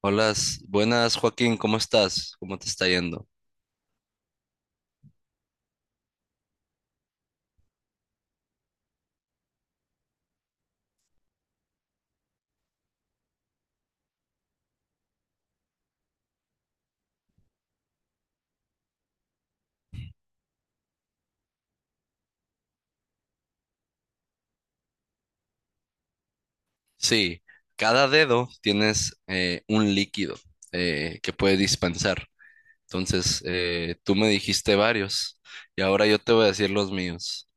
Hola, buenas Joaquín, ¿cómo estás? ¿Cómo te está yendo? Sí, cada dedo tienes un líquido que puede dispensar. Entonces, tú me dijiste varios y ahora yo te voy a decir los míos.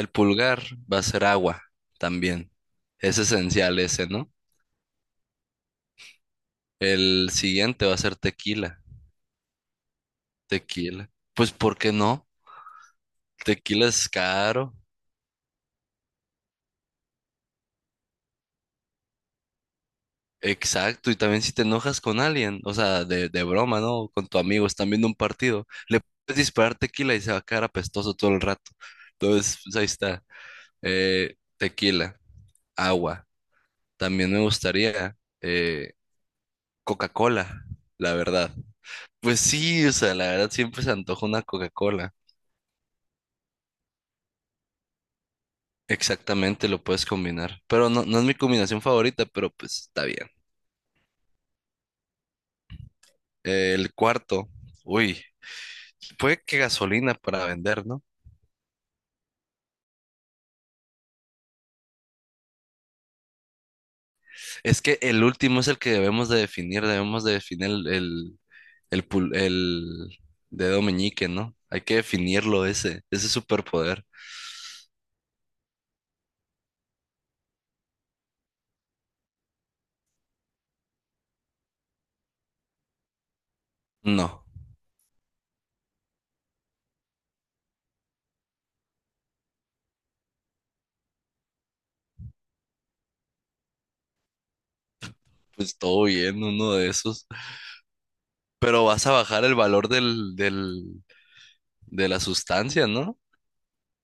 El pulgar va a ser agua también. Es esencial ese, ¿no? El siguiente va a ser tequila. Tequila. Pues, ¿por qué no? Tequila es caro. Exacto, y también si te enojas con alguien, o sea, de broma, ¿no? Con tu amigo, están viendo un partido, le puedes disparar tequila y se va a quedar apestoso todo el rato. Entonces, pues ahí está. Tequila, agua. También me gustaría eh, Coca-Cola, la verdad. Pues sí, o sea, la verdad siempre se antoja una Coca-Cola. Exactamente, lo puedes combinar. Pero no, no es mi combinación favorita, pero pues está bien. El cuarto, uy, puede que gasolina para vender, no. Es que el último es el que debemos de definir el dedo meñique, ¿no? Hay que definirlo ese, ese superpoder. No, pues todo bien, uno de esos. Pero vas a bajar el valor de la sustancia, ¿no?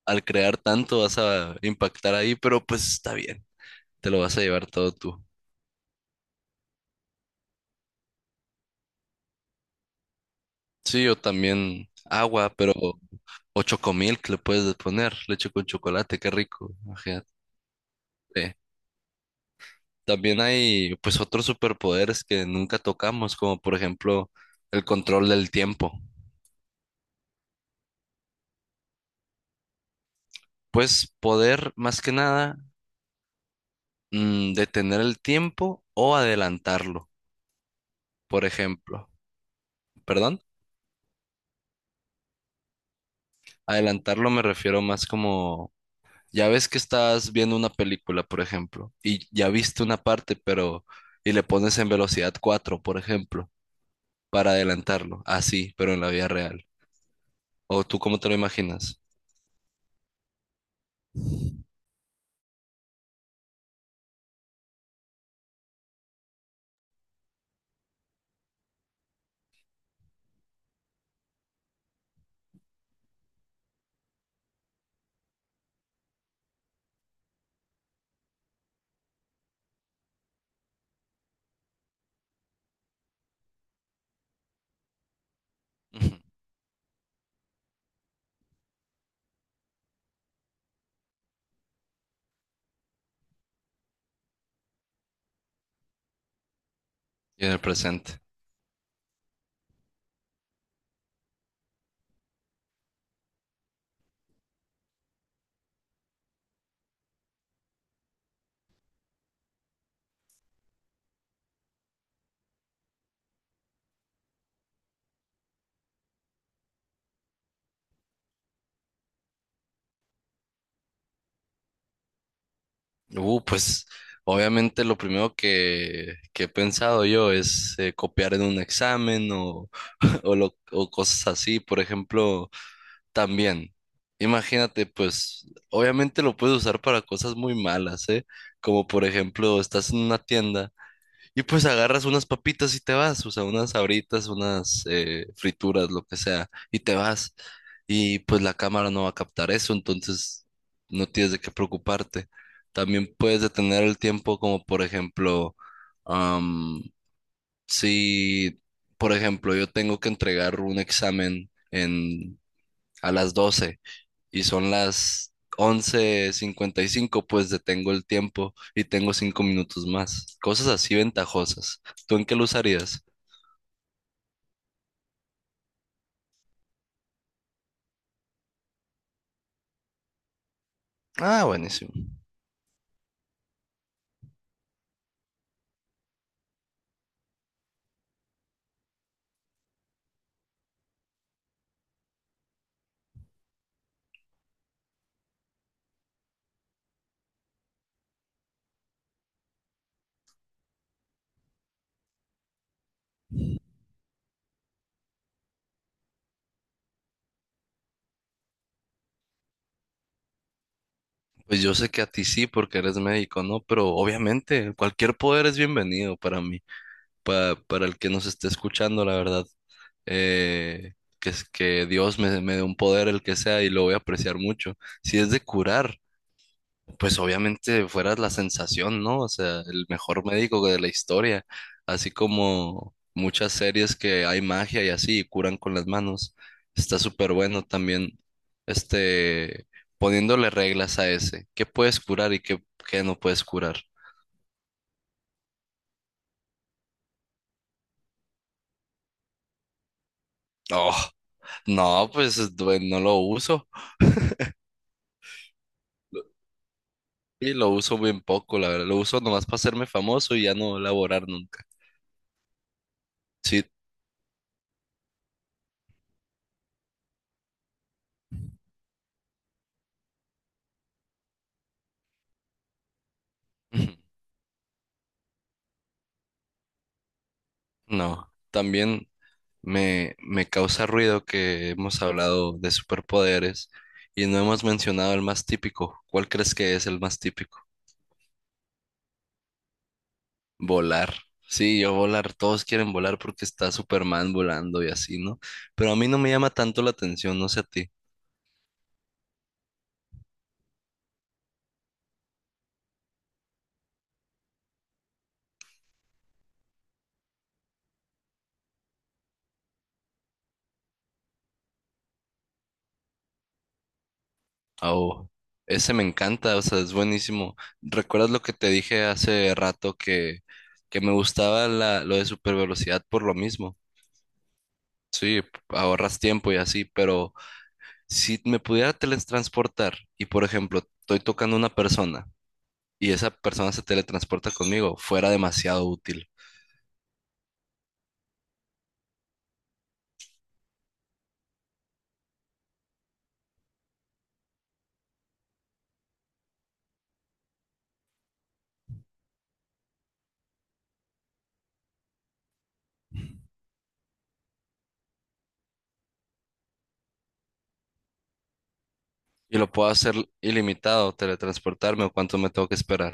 Al crear tanto vas a impactar ahí, pero pues está bien, te lo vas a llevar todo tú. Sí, yo también agua, pero o chocomilk le puedes poner, leche con chocolate, qué rico. Imagínate. También hay pues otros superpoderes que nunca tocamos, como por ejemplo el control del tiempo. Pues poder más que nada detener el tiempo o adelantarlo, por ejemplo. ¿Perdón? Adelantarlo me refiero más como, ya ves que estás viendo una película, por ejemplo, y ya viste una parte, pero y le pones en velocidad 4 por ejemplo, para adelantarlo, así, pero en la vida real. ¿O tú cómo te lo imaginas? Ujú. Y en el presente. Pues obviamente lo primero que he pensado yo es copiar en un examen o, o, o cosas así. Por ejemplo, también, imagínate, pues obviamente lo puedes usar para cosas muy malas, ¿eh? Como por ejemplo, estás en una tienda y pues agarras unas papitas y te vas, o sea, unas sabritas, unas frituras, lo que sea, y te vas. Y pues la cámara no va a captar eso, entonces no tienes de qué preocuparte. También puedes detener el tiempo como por ejemplo, am, si, por ejemplo, yo tengo que entregar un examen en, a las 12 y son las 11:55, pues detengo el tiempo y tengo 5 minutos más. Cosas así ventajosas. ¿Tú en qué lo usarías? Ah, buenísimo. Pues yo sé que a ti sí, porque eres médico, ¿no? Pero obviamente cualquier poder es bienvenido para mí, para el que nos esté escuchando, la verdad. Eh, que es que Dios me dé un poder, el que sea, y lo voy a apreciar mucho. Si es de curar, pues obviamente fuera la sensación, ¿no? O sea, el mejor médico de la historia, así como muchas series que hay magia y así, y curan con las manos. Está súper bueno también, este, poniéndole reglas a ese. ¿Qué puedes curar y qué, qué no puedes curar? Oh, no, pues no lo uso. Y lo uso bien poco, la verdad. Lo uso nomás para hacerme famoso y ya no laborar nunca. Sí. No, también. Me causa ruido que hemos hablado de superpoderes y no hemos mencionado el más típico. ¿Cuál crees que es el más típico? Volar. Sí, yo volar, todos quieren volar porque está Superman volando y así, ¿no? Pero a mí no me llama tanto la atención, no sé a ti. Oh, ese me encanta, o sea, es buenísimo. ¿Recuerdas lo que te dije hace rato que me gustaba la, lo de super velocidad por lo mismo? Sí, ahorras tiempo y así, pero... Si me pudiera teletransportar y, por ejemplo, estoy tocando a una persona y esa persona se teletransporta conmigo, fuera demasiado útil. Y lo puedo hacer ilimitado, teletransportarme o cuánto me tengo que esperar.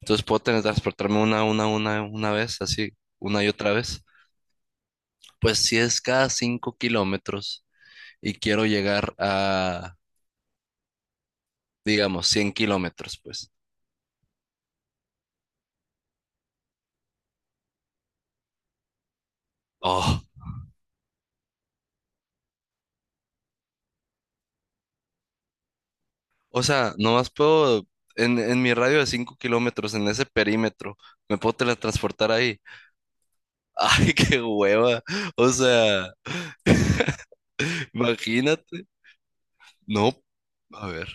Entonces puedo teletransportarme una vez, así, una y otra vez. Pues si es cada 5 kilómetros y quiero llegar a, digamos, 100 kilómetros, pues. Oh, o sea, nomás puedo, en mi radio de 5 kilómetros, en ese perímetro, me puedo teletransportar ahí. Ay, qué hueva. O sea, imagínate. No, a ver.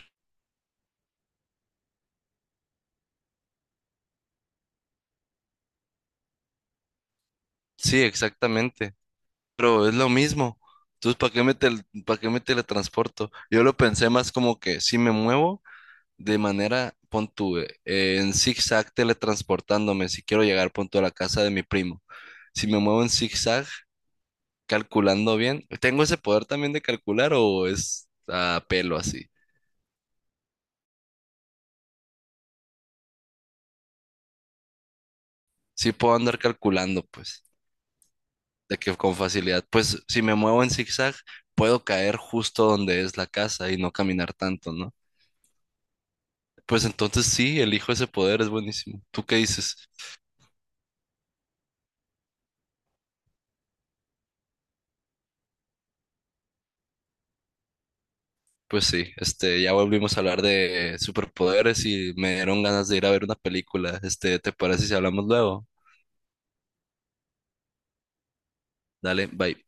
Sí, exactamente. Pero es lo mismo. Entonces, ¿para qué me para qué me teletransporto? Yo lo pensé más como que si me muevo de manera, pon tú, en zigzag teletransportándome, si quiero llegar, pon tú, a la casa de mi primo. Si me muevo en zigzag, calculando bien, ¿tengo ese poder también de calcular o es a pelo así? Sí puedo andar calculando, pues. De que con facilidad, pues si me muevo en zigzag, puedo caer justo donde es la casa y no caminar tanto, ¿no? Pues entonces sí, elijo ese poder, es buenísimo. ¿Tú qué dices? Pues sí, este, ya volvimos a hablar de superpoderes y me dieron ganas de ir a ver una película. Este, ¿te parece si hablamos luego? Dale, bye.